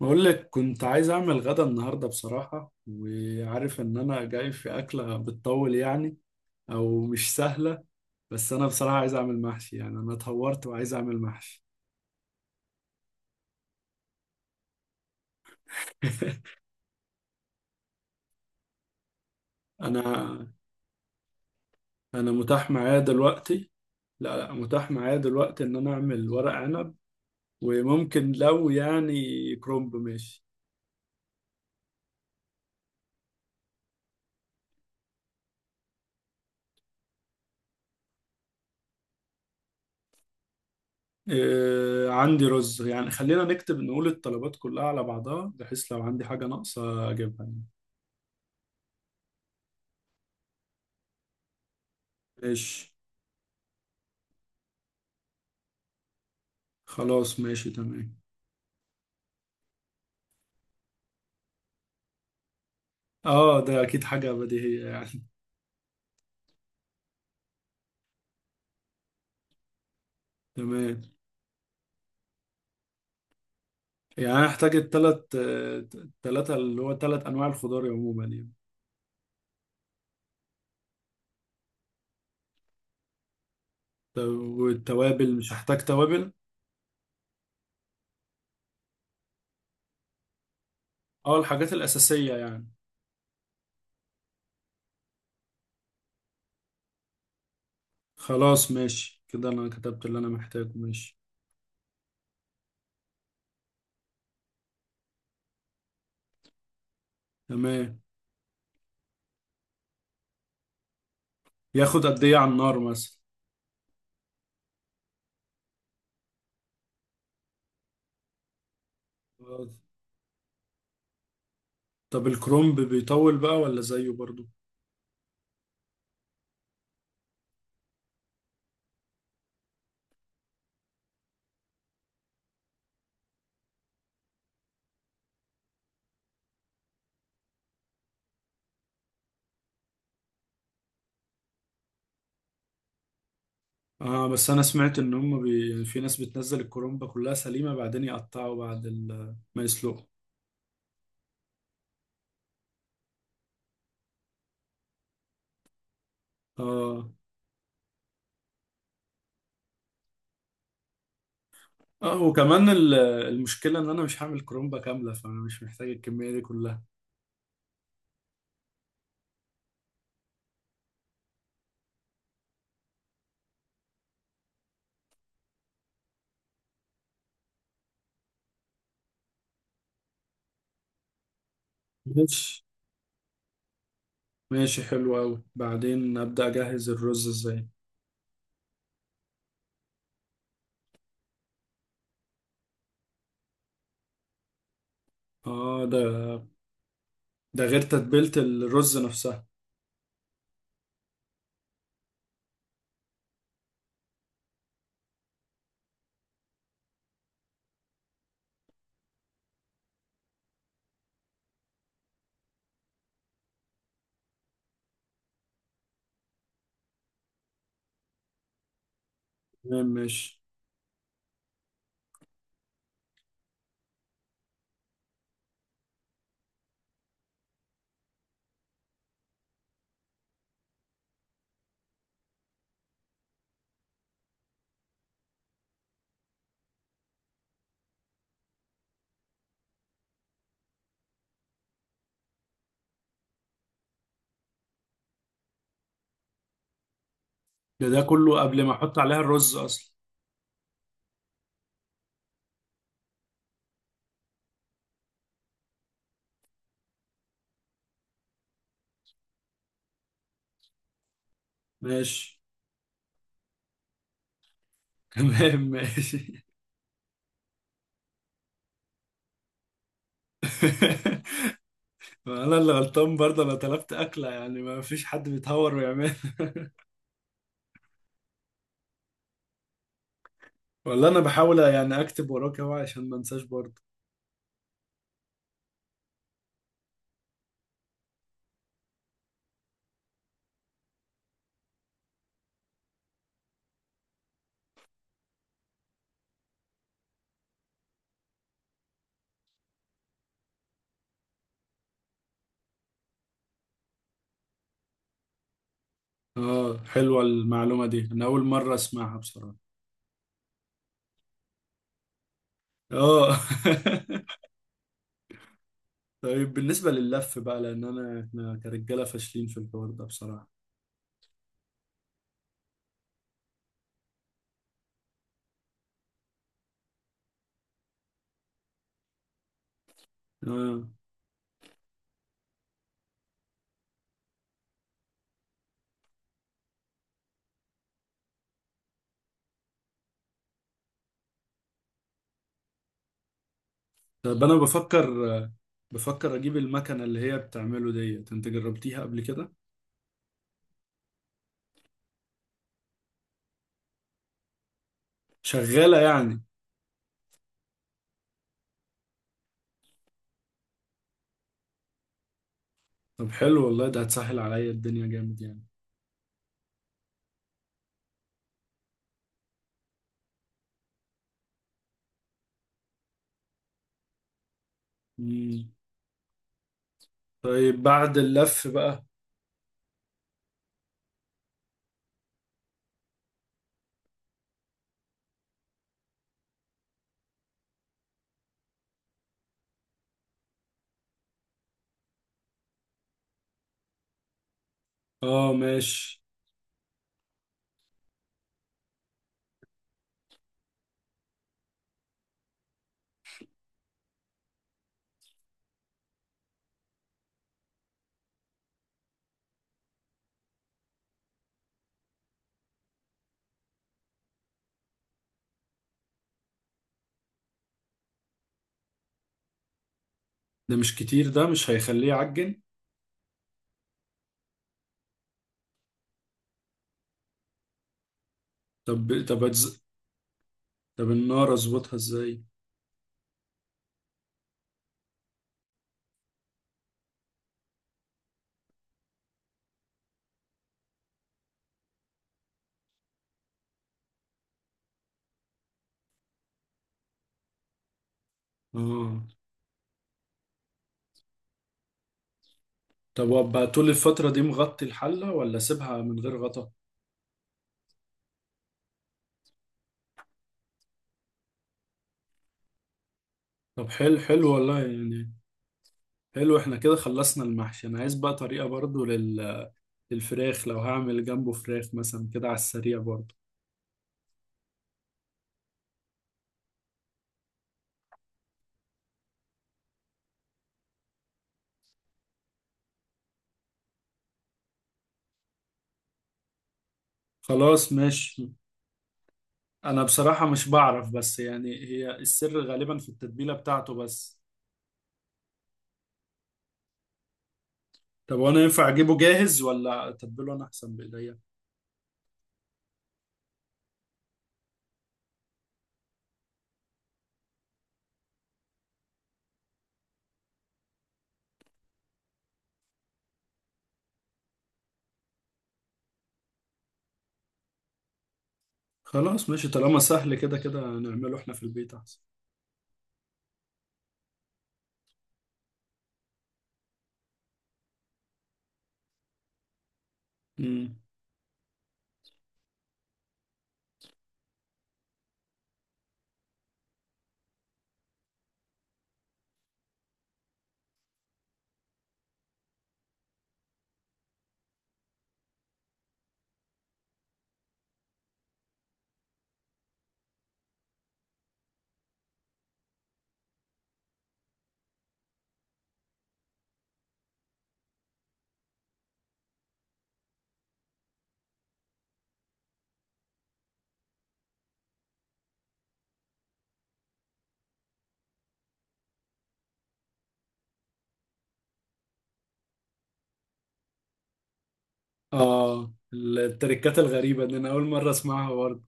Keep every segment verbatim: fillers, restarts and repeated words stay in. بقول لك كنت عايز اعمل غدا النهارده، بصراحه، وعارف ان انا جاي في اكله بتطول يعني، او مش سهله. بس انا بصراحه عايز اعمل محشي، يعني انا اتهورت وعايز اعمل محشي. انا انا متاح معايا دلوقتي. لا، لا، متاح معايا دلوقتي ان انا اعمل ورق عنب. وممكن لو يعني كرومب ماشي. آه، عندي رز. يعني خلينا نكتب نقول الطلبات كلها على بعضها بحيث لو عندي حاجه ناقصه اجيبها يعني. ماشي. خلاص. ماشي. تمام. اه، ده اكيد حاجة بديهية يعني. تمام. يعني انا احتاج التلات آه، التلاتة، اللي هو تلات انواع الخضار عموما يعني. طب، والتوابل؟ مش هحتاج توابل؟ اه، الحاجات الاساسية يعني. خلاص، ماشي كده. انا كتبت اللي انا محتاجه. ماشي. تمام. ياخد قد ايه على النار مثلا؟ آه. طب الكرنب بيطول بقى ولا زيه برضو؟ اه، بس انا سمعت ان هم بي... في ناس بتنزل الكرنب كلها سليمة، بعدين يقطعوا بعد ال... ما يسلقوا. اه، اه، وكمان ال- المشكلة ان انا مش هعمل كرومبة كاملة، فانا مش محتاج الكمية دي كلها. ماشي. ماشي، حلو اوي. بعدين ابدأ اجهز الرز ازاي؟ اه. ده ده غير تتبيلة الرز نفسها؟ تمام، ماشي. ده ده كله قبل ما احط عليها الرز اصلا؟ ماشي. تمام، ماشي. ما انا اللي غلطان برضه، انا طلبت اكلة يعني، ما فيش حد بيتهور ويعمل. ولا انا بحاول يعني اكتب وراك اهو عشان ما انساش برضه. اه، حلوة المعلومة دي، انا اول مرة اسمعها بصراحة. اه. طيب بالنسبة لللف بقى، لان انا احنا كرجالة فاشلين في الحوار ده بصراحة. اه. طب انا بفكر بفكر اجيب المكنة اللي هي بتعمله ديت. انت جربتيها قبل كده؟ شغالة يعني؟ طب، حلو والله، ده هتسهل عليا الدنيا جامد يعني. مم. طيب بعد اللف بقى؟ اه، ماشي. ده مش كتير؟ ده مش هيخليه يعجن؟ طب طب أتز... طب النار اظبطها ازاي؟ اه. طب، وابقى طول الفترة دي مغطي الحلة، ولا اسيبها من غير غطا؟ طب، حلو، حلو والله يعني. حلو. احنا كده خلصنا المحشي. انا عايز بقى طريقة برضو لل... للفراخ لو هعمل جنبه فراخ مثلا كده على السريع برضو. خلاص، ماشي. انا بصراحة مش بعرف، بس يعني هي السر غالبا في التتبيلة بتاعته بس. طب، وانا ينفع اجيبه جاهز ولا اتبله انا احسن بايديا؟ خلاص، ماشي طالما سهل، كده كده نعمله احنا في البيت احسن. امم. اه، التركات الغريبة دي انا اول مرة اسمعها برضه.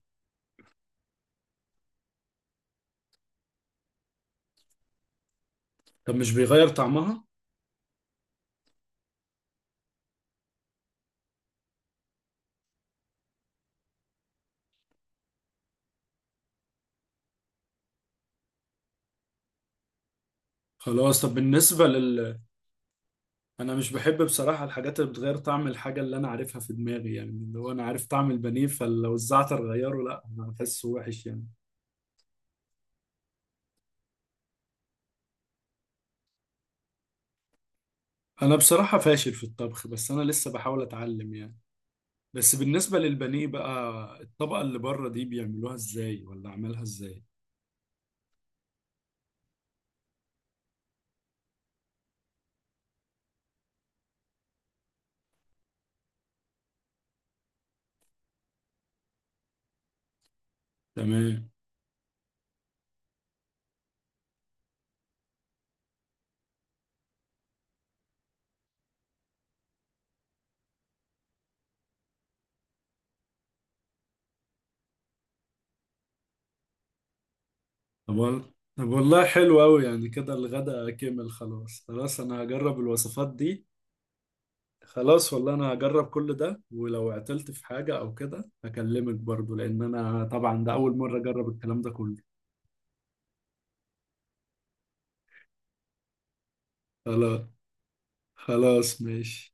طب، مش بيغير طعمها؟ خلاص. طب بالنسبة لل أنا مش بحب بصراحة الحاجات اللي بتغير طعم الحاجة اللي أنا عارفها في دماغي، يعني اللي هو أنا عارف طعم البانيه، فلو الزعتر غيره، لا أنا بحسه وحش يعني. أنا بصراحة فاشل في الطبخ، بس أنا لسه بحاول أتعلم يعني. بس بالنسبة للبانيه بقى، الطبقة اللي بره دي بيعملوها إزاي، ولا عملها إزاي؟ تمام. طب وال- طب والله حلو أوي يعني. كده الغدا كمل. خلاص. خلاص أنا هجرب الوصفات دي. خلاص والله. انا هجرب كل ده، ولو عطلت في حاجة او كده هكلمك برضو، لان انا طبعا ده اول مرة اجرب الكلام ده كله. خلاص. خلاص، ماشي.